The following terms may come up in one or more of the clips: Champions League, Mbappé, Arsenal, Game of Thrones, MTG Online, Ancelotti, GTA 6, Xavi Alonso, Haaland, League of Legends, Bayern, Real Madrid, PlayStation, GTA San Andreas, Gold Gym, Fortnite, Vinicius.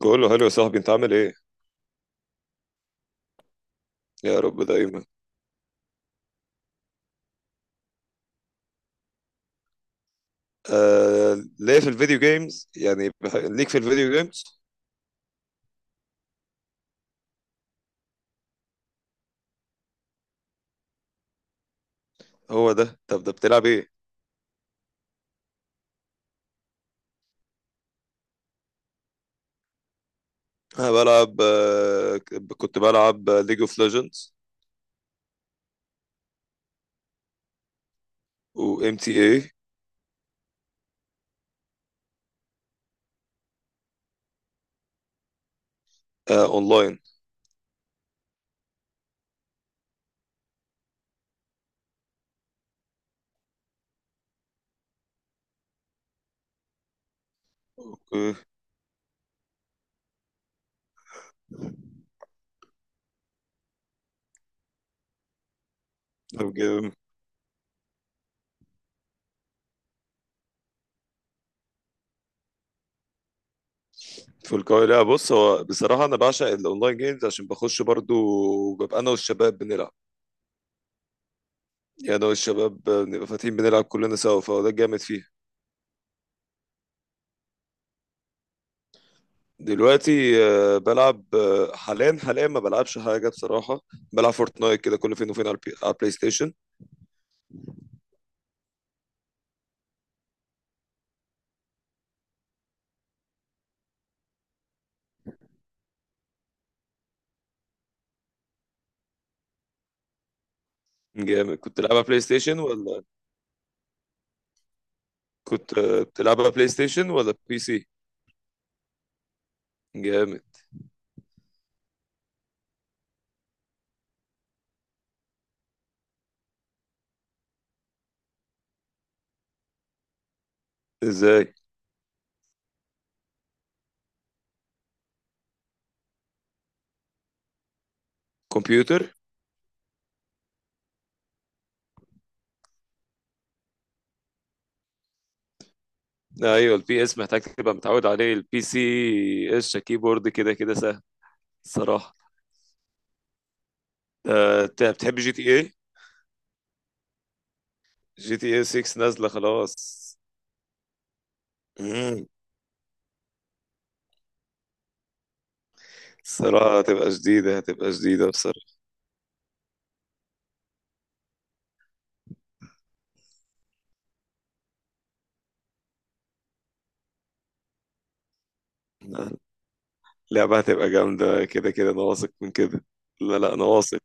بقول له هلو يا صاحبي، انت عامل ايه؟ يا رب دايما. آه ليه في الفيديو جيمز يعني ليك في الفيديو جيمز. هو ده. طب ده بتلعب ايه؟ انا بلعب، كنت بلعب ليج اوف ليجندز وام تي اي. اونلاين. اوكي. طب جيم في القاهرة. بص هو بصراحة أنا بعشق الأونلاين جيمز، عشان بخش برضو ببقى أنا والشباب بنلعب. يعني أنا والشباب بنبقى فاتحين بنلعب كلنا سوا، فهو ده الجامد فيه. دلوقتي، بلعب، حاليا ما بلعبش حاجة بصراحة. بلعب فورتنايت كده كل فين وفين على على البلاي ستيشن. جامد. كنت تلعبها بلاي ستيشن ولا كنت، بتلعبها بلاي ستيشن ولا بي سي؟ جامد. ازاي؟ كمبيوتر. ايوه البي اس محتاج تبقى متعود عليه. البي سي اس كيبورد كده كده سهل. الصراحة، انت بتحب جي تي اي؟ جي تي اي 6 نازلة خلاص. مم. الصراحة هتبقى جديدة، هتبقى جديدة بصراحة. لعبة هتبقى جامدة كده كده، أنا واثق من كده. لا لا أنا واثق.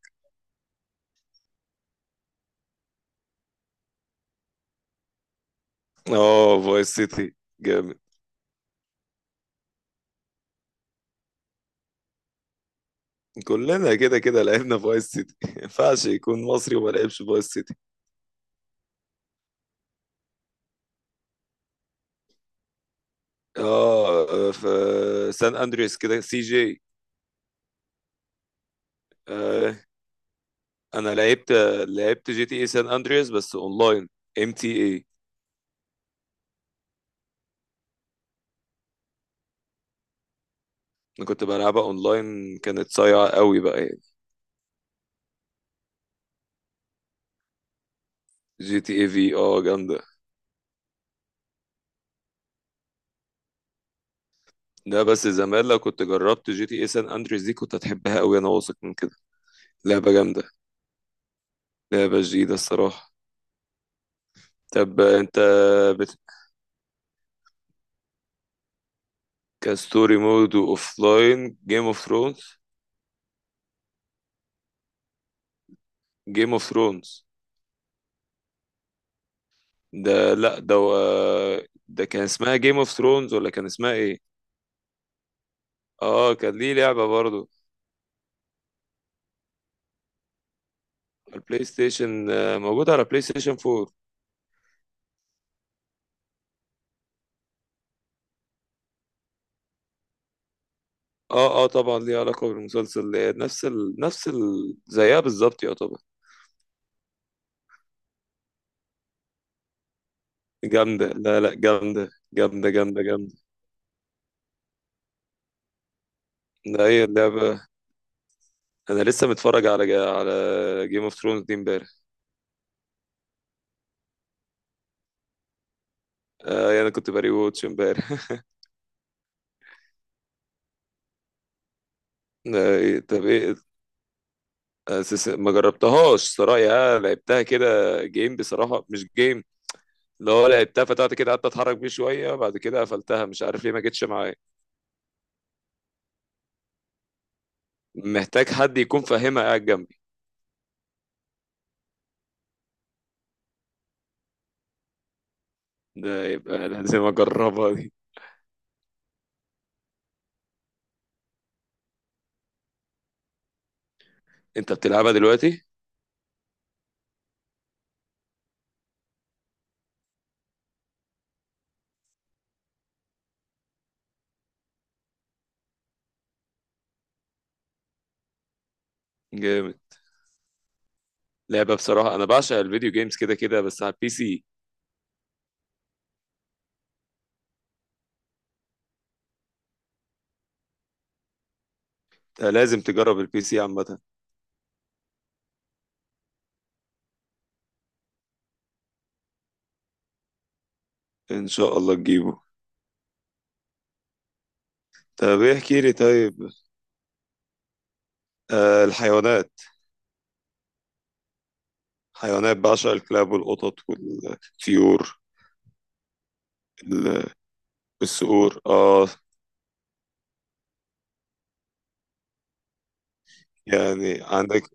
اه فايس سيتي. جامد. كلنا كده كده لعبنا فايس سيتي ما ينفعش يكون مصري وما لعبش فايس سيتي. اه في سان أندريس كده سي جي. آه. أنا لعبت، لعبت جي تي اي سان أندريس بس أونلاين، ام تي اي. أنا كنت بلعبها أونلاين، كانت صايعة قوي بقى يعني. جي تي اي في جامدة. لا بس زمان لو كنت جربت جي تي اي سان أندريس دي كنت هتحبها قوي، أنا واثق من كده. لعبة جامدة، لعبة جديدة الصراحة. طب انت بت... كستوري مود واوف لاين جيم اوف ثرونز. جيم اوف ثرونز. ده لا ده كان اسمها جيم اوف ثرونز ولا كان اسمها ايه؟ اه كان ليه لعبة برضو، على البلاي ستيشن، موجودة على بلاي ستيشن 4. اه اه طبعا ليه علاقة بالمسلسل، نفس ال... زيها بالظبط يا طبعا. جامدة. لا لا جامدة جامدة جامدة جامدة. ده هي اللعبة. انا لسه متفرج على جيم اوف ثرونز دي امبارح. يعني انا كنت بري ووتش امبارح. إيه، طب ايه. ما جربتهاش صراحه، يعني لعبتها كده. جيم بصراحه مش جيم، اللي هو لعبتها فتحت كده قعدت اتحرك بيه شويه بعد كده قفلتها مش عارف ليه ما جتش معايا. محتاج حد يكون فاهمها قاعد جنبي. ده يبقى لازم اجربها دي. انت بتلعبها دلوقتي؟ جامد. لعبه بصراحه، انا بعشق الفيديو جيمز كده كده بس على البي سي. أنت لازم تجرب البي سي عامه. ان شاء الله تجيبه. طب ايه احكي لي طيب. الحيوانات. حيوانات. بعشق الكلاب والقطط والطيور. ال- الصقور اه. يعني عندك،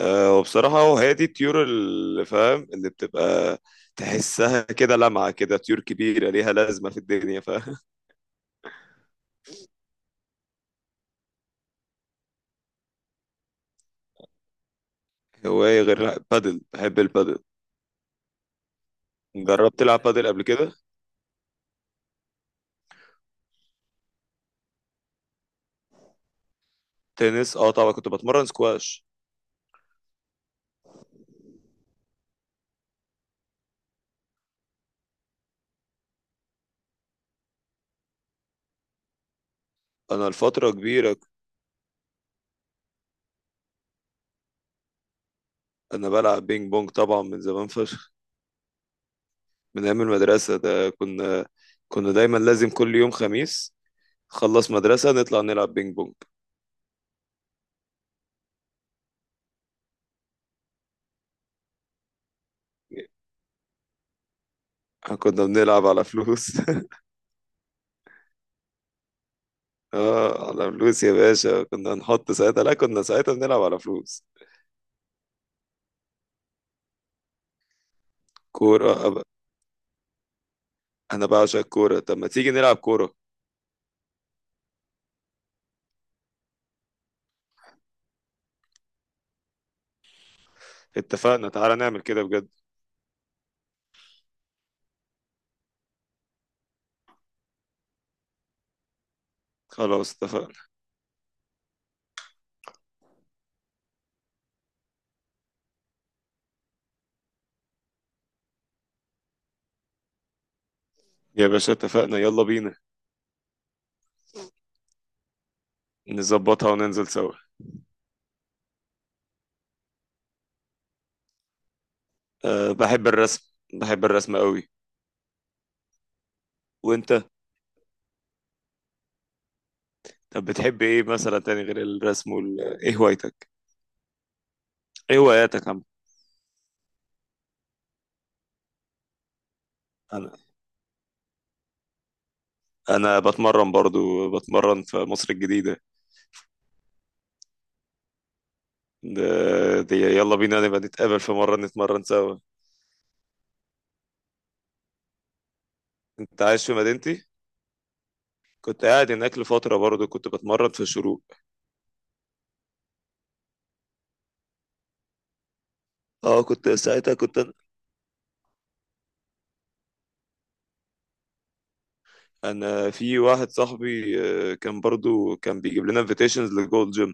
آه، وبصراحة هو هي دي الطيور اللي فاهم اللي بتبقى تحسها كده لمعة كده، طيور كبيرة ليها لازمة في الدنيا فاهم. هواية غير بادل، بحب البادل. جربت تلعب بادل قبل كده؟ تنس اه طبعا، كنت بتمرن سكواش. انا لفترة كبيرة، انا بلعب بينج بونج طبعا من زمان فشخ. من ايام المدرسة ده كنا دايما لازم كل يوم خميس خلص مدرسة نطلع نلعب بينج بونج. كنا بنلعب على فلوس اه على فلوس يا باشا، كنا نحط ساعتها، لا كنا ساعتها بنلعب على فلوس. كورة أب- أنا بعشق الكورة. طب ما تيجي نلعب كورة؟ اتفقنا، تعالى نعمل كده بجد. خلاص اتفقنا. يا باشا اتفقنا يلا بينا، نظبطها وننزل سوا. أه بحب الرسم، بحب الرسم قوي. وانت، طب بتحب ايه مثلا تاني غير الرسم ايه هوايتك، ايه هواياتك يا عم؟ انا انا بتمرن برضو، بتمرن في مصر الجديدة. ده دي يلا بينا نبقى نتقابل في مرة نتمرن سوا. انت عايش في مدينتي. كنت قاعد هناك لفترة برضو، كنت بتمرن في الشروق. اه كنت ساعتها كنت. انا في واحد صاحبي، كان برضو كان بيجيب لنا انفيتيشنز لجولد جيم.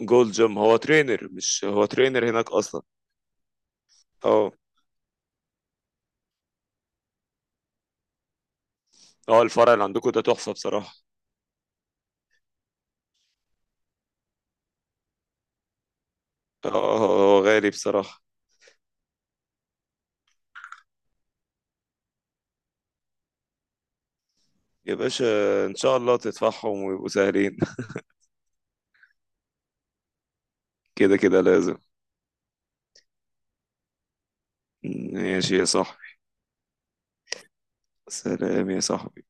جولد جيم، هو ترينر مش هو ترينر هناك اصلا. اه. اه الفرع اللي عندكم ده تحفة بصراحة. اه هو غالي بصراحة. يا باشا ان شاء الله تدفعهم ويبقوا سهلين. كده كده لازم. ماشي يا صاحبي. سلام يا صاحبي.